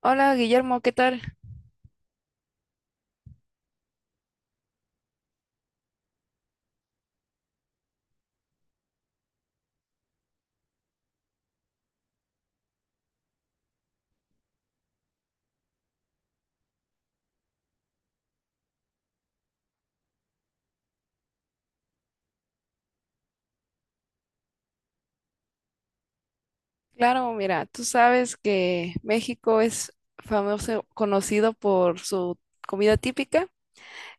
Hola Guillermo, ¿qué tal? Claro, mira, tú sabes que México es famoso, conocido por su comida típica.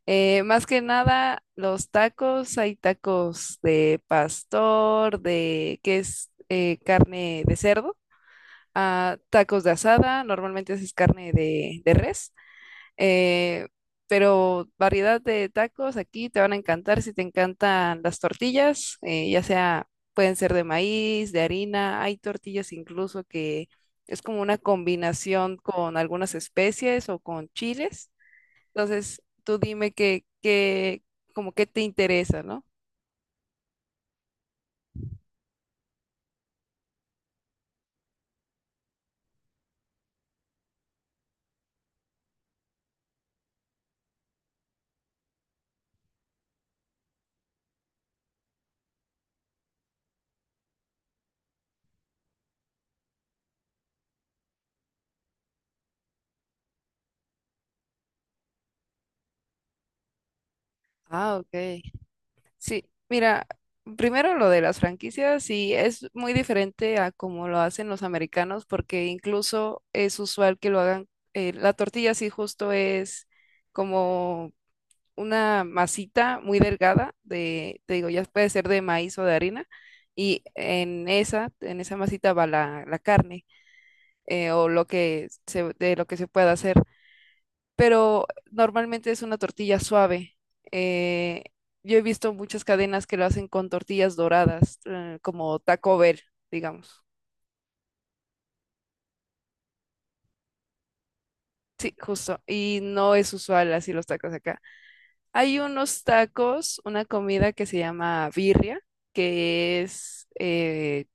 Más que nada, los tacos, hay tacos de pastor, de que es carne de cerdo, ah, tacos de asada, normalmente es carne de, res. eh, pero variedad de tacos aquí te van a encantar si te encantan las tortillas, ya sea, pueden ser de maíz, de harina, hay tortillas incluso que es como una combinación con algunas especies o con chiles. Entonces, tú dime qué, como qué te interesa, ¿no? Ah, ok. Sí, mira, primero lo de las franquicias, sí, es muy diferente a como lo hacen los americanos, porque incluso es usual que lo hagan, la tortilla sí justo es como una masita muy delgada de, te digo, ya puede ser de maíz o de harina, y en esa masita va la carne, o lo de lo que se pueda hacer, pero normalmente es una tortilla suave. Eh, yo he visto muchas cadenas que lo hacen con tortillas doradas, como Taco Bell, digamos. Sí, justo. Y no es usual así los tacos acá. Hay unos tacos, una comida que se llama birria, que es eh,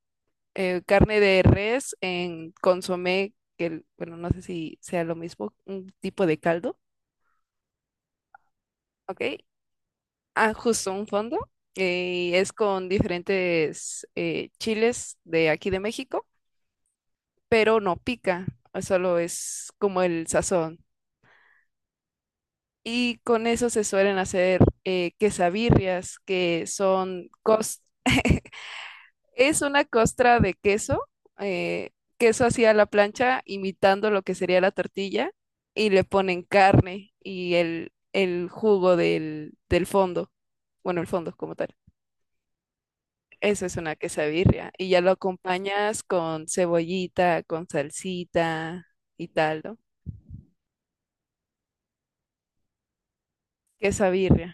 eh, carne de res en consomé, bueno, no sé si sea lo mismo, un tipo de caldo, ¿ok? Ah, justo un fondo. Y es con diferentes chiles de aquí de México, pero no pica, solo es como el sazón. Y con eso se suelen hacer quesabirrias, es una costra de queso, eh, queso así a la plancha, imitando lo que sería la tortilla, y le ponen carne y el jugo del fondo, bueno, el fondo como tal. Eso es una quesabirria. Y ya lo acompañas con cebollita, con salsita y tal, ¿no? Quesabirria.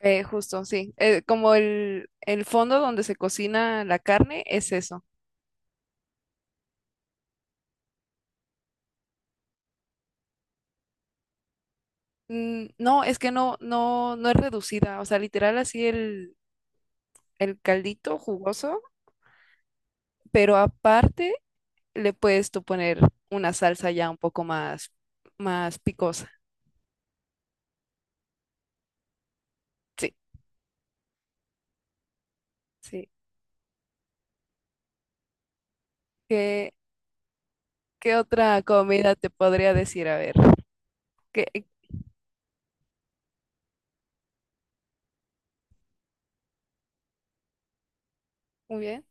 Justo, sí. Como el fondo donde se cocina la carne es eso. Mm, no, es que no es reducida. O sea, literal así el caldito jugoso, pero aparte le puedes tú poner una salsa ya un poco más, más picosa. Sí, sí. ¿Qué, ¿Qué otra comida te podría decir? A ver. ¿Qué, Muy bien,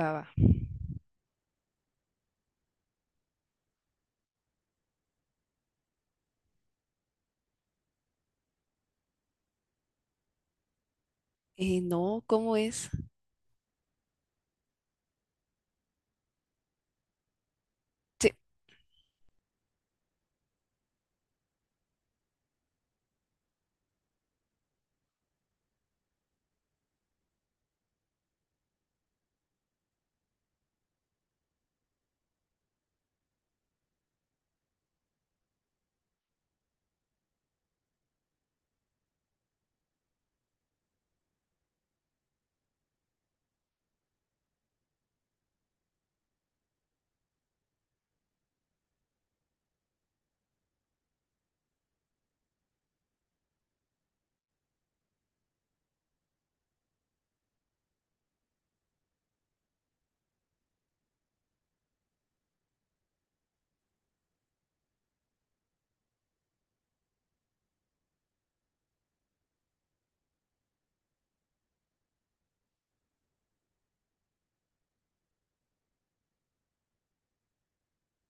va, va. No, ¿cómo es? Sí,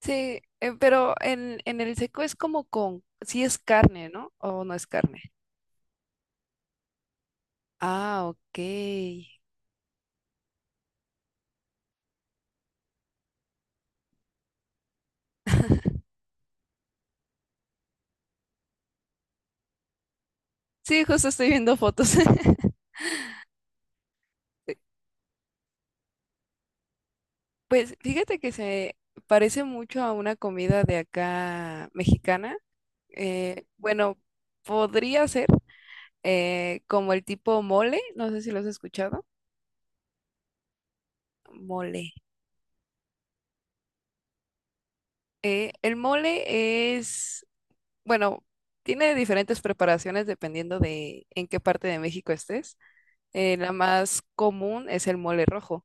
sí, pero en el seco es como con, sí es carne, ¿no? ¿O no es carne? Ah, ok. Sí, justo estoy viendo fotos. Sí. Pues fíjate que se parece mucho a una comida de acá mexicana. Bueno, podría ser como el tipo mole, no sé si lo has escuchado. Mole. El mole es bueno, tiene diferentes preparaciones dependiendo de en qué parte de México estés. La más común es el mole rojo,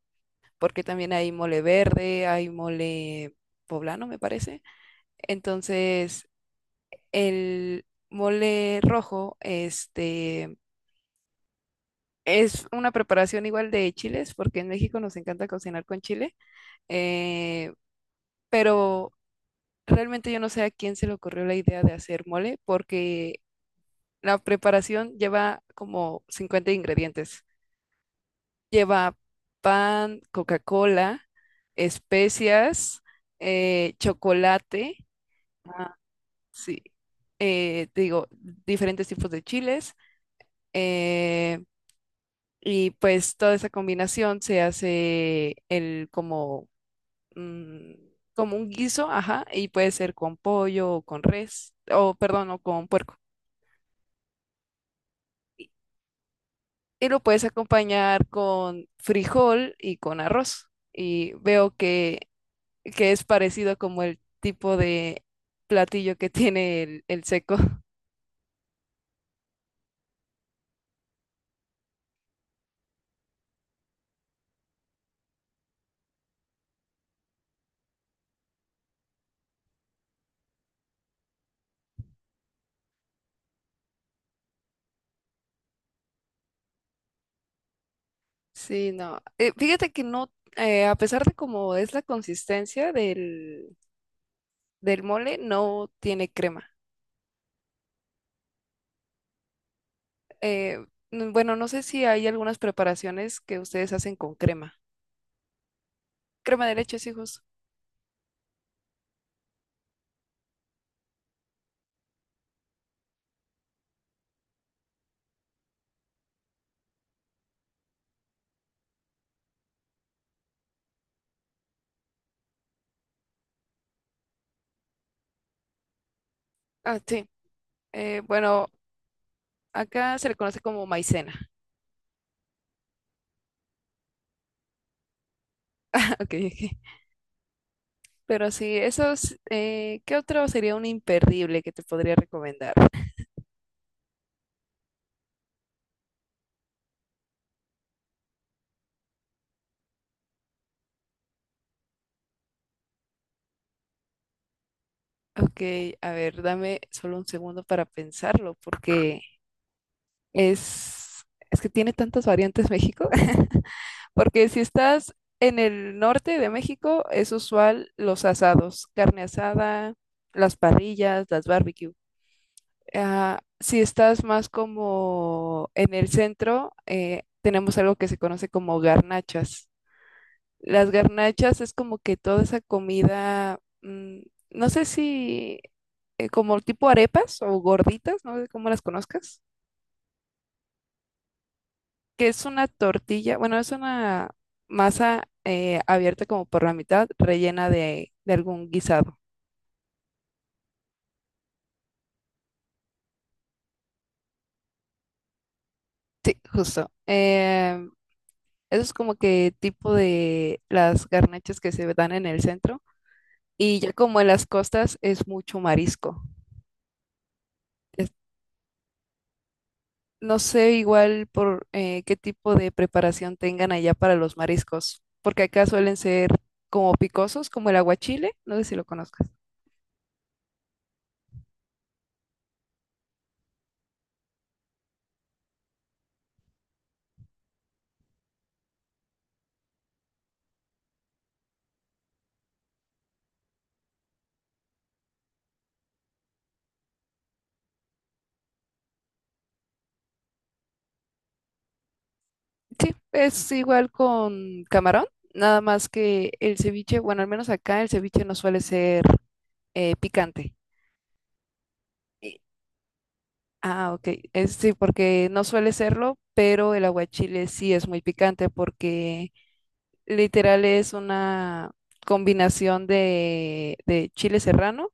porque también hay mole verde, hay mole poblano, me parece. Entonces, el mole rojo, este, es una preparación igual de chiles, porque en México nos encanta cocinar con chile, eh, pero realmente yo no sé a quién se le ocurrió la idea de hacer mole, porque la preparación lleva como 50 ingredientes. Lleva pan, Coca-Cola, especias, chocolate, ah, sí, te digo, diferentes tipos de chiles. eh, y pues toda esa combinación se hace el como, mm, como un guiso, ajá, y puede ser con pollo o con res, o perdón, o con puerco. Y lo puedes acompañar con frijol y con arroz. Y veo que es parecido como el tipo de platillo que tiene el seco. Sí, no. Fíjate que no, a pesar de cómo es la consistencia del mole, no tiene crema. Eh, bueno, no sé si hay algunas preparaciones que ustedes hacen con crema. Crema de leche, sí, justo. Ah, sí. Bueno, acá se le conoce como maicena. Ok, ok. Pero sí, esos, ¿qué otro sería un imperdible que te podría recomendar? Ok, a ver, dame solo un segundo para pensarlo, porque es, es que tiene tantas variantes México, porque si estás en el norte de México, es usual los asados, carne asada, las parrillas, las barbecue. Ah, si estás más como en el centro, tenemos algo que se conoce como garnachas. Las garnachas es como que toda esa comida, mm, no sé si como tipo arepas o gorditas, no sé cómo las conozcas, que es una tortilla, bueno, es una masa abierta como por la mitad, rellena de algún guisado. Sí, justo. Eso es como que tipo de las garnachas que se dan en el centro, y ya como en las costas es mucho marisco. No sé igual por qué tipo de preparación tengan allá para los mariscos, porque acá suelen ser como picosos, como el aguachile, no sé si lo conozcas. Sí, es igual con camarón, nada más que el ceviche, bueno, al menos acá el ceviche no suele ser picante. Ah, ok. Sí, porque no suele serlo, pero el aguachile sí es muy picante porque literal es una combinación de chile serrano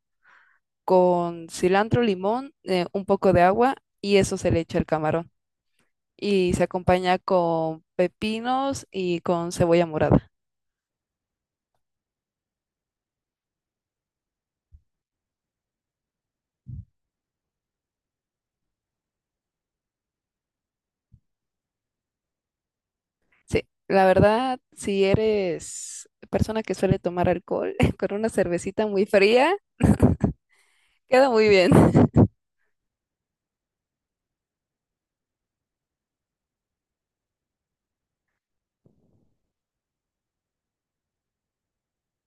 con cilantro, limón, un poco de agua y eso se le echa al camarón. Y se acompaña con pepinos y con cebolla morada. Sí, la verdad, si eres persona que suele tomar alcohol con una cervecita muy fría, queda muy bien.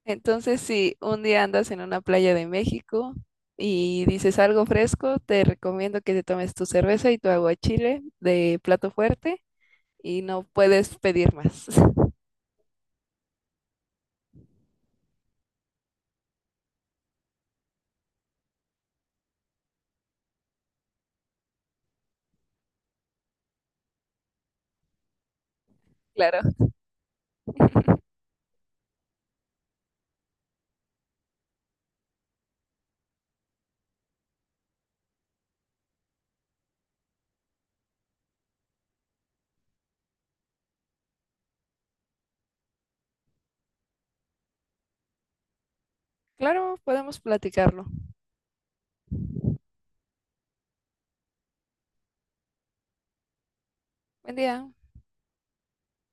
Entonces, si un día andas en una playa de México y dices algo fresco, te recomiendo que te tomes tu cerveza y tu aguachile de plato fuerte y no puedes pedir más. Claro. Claro, podemos platicarlo. Buen día.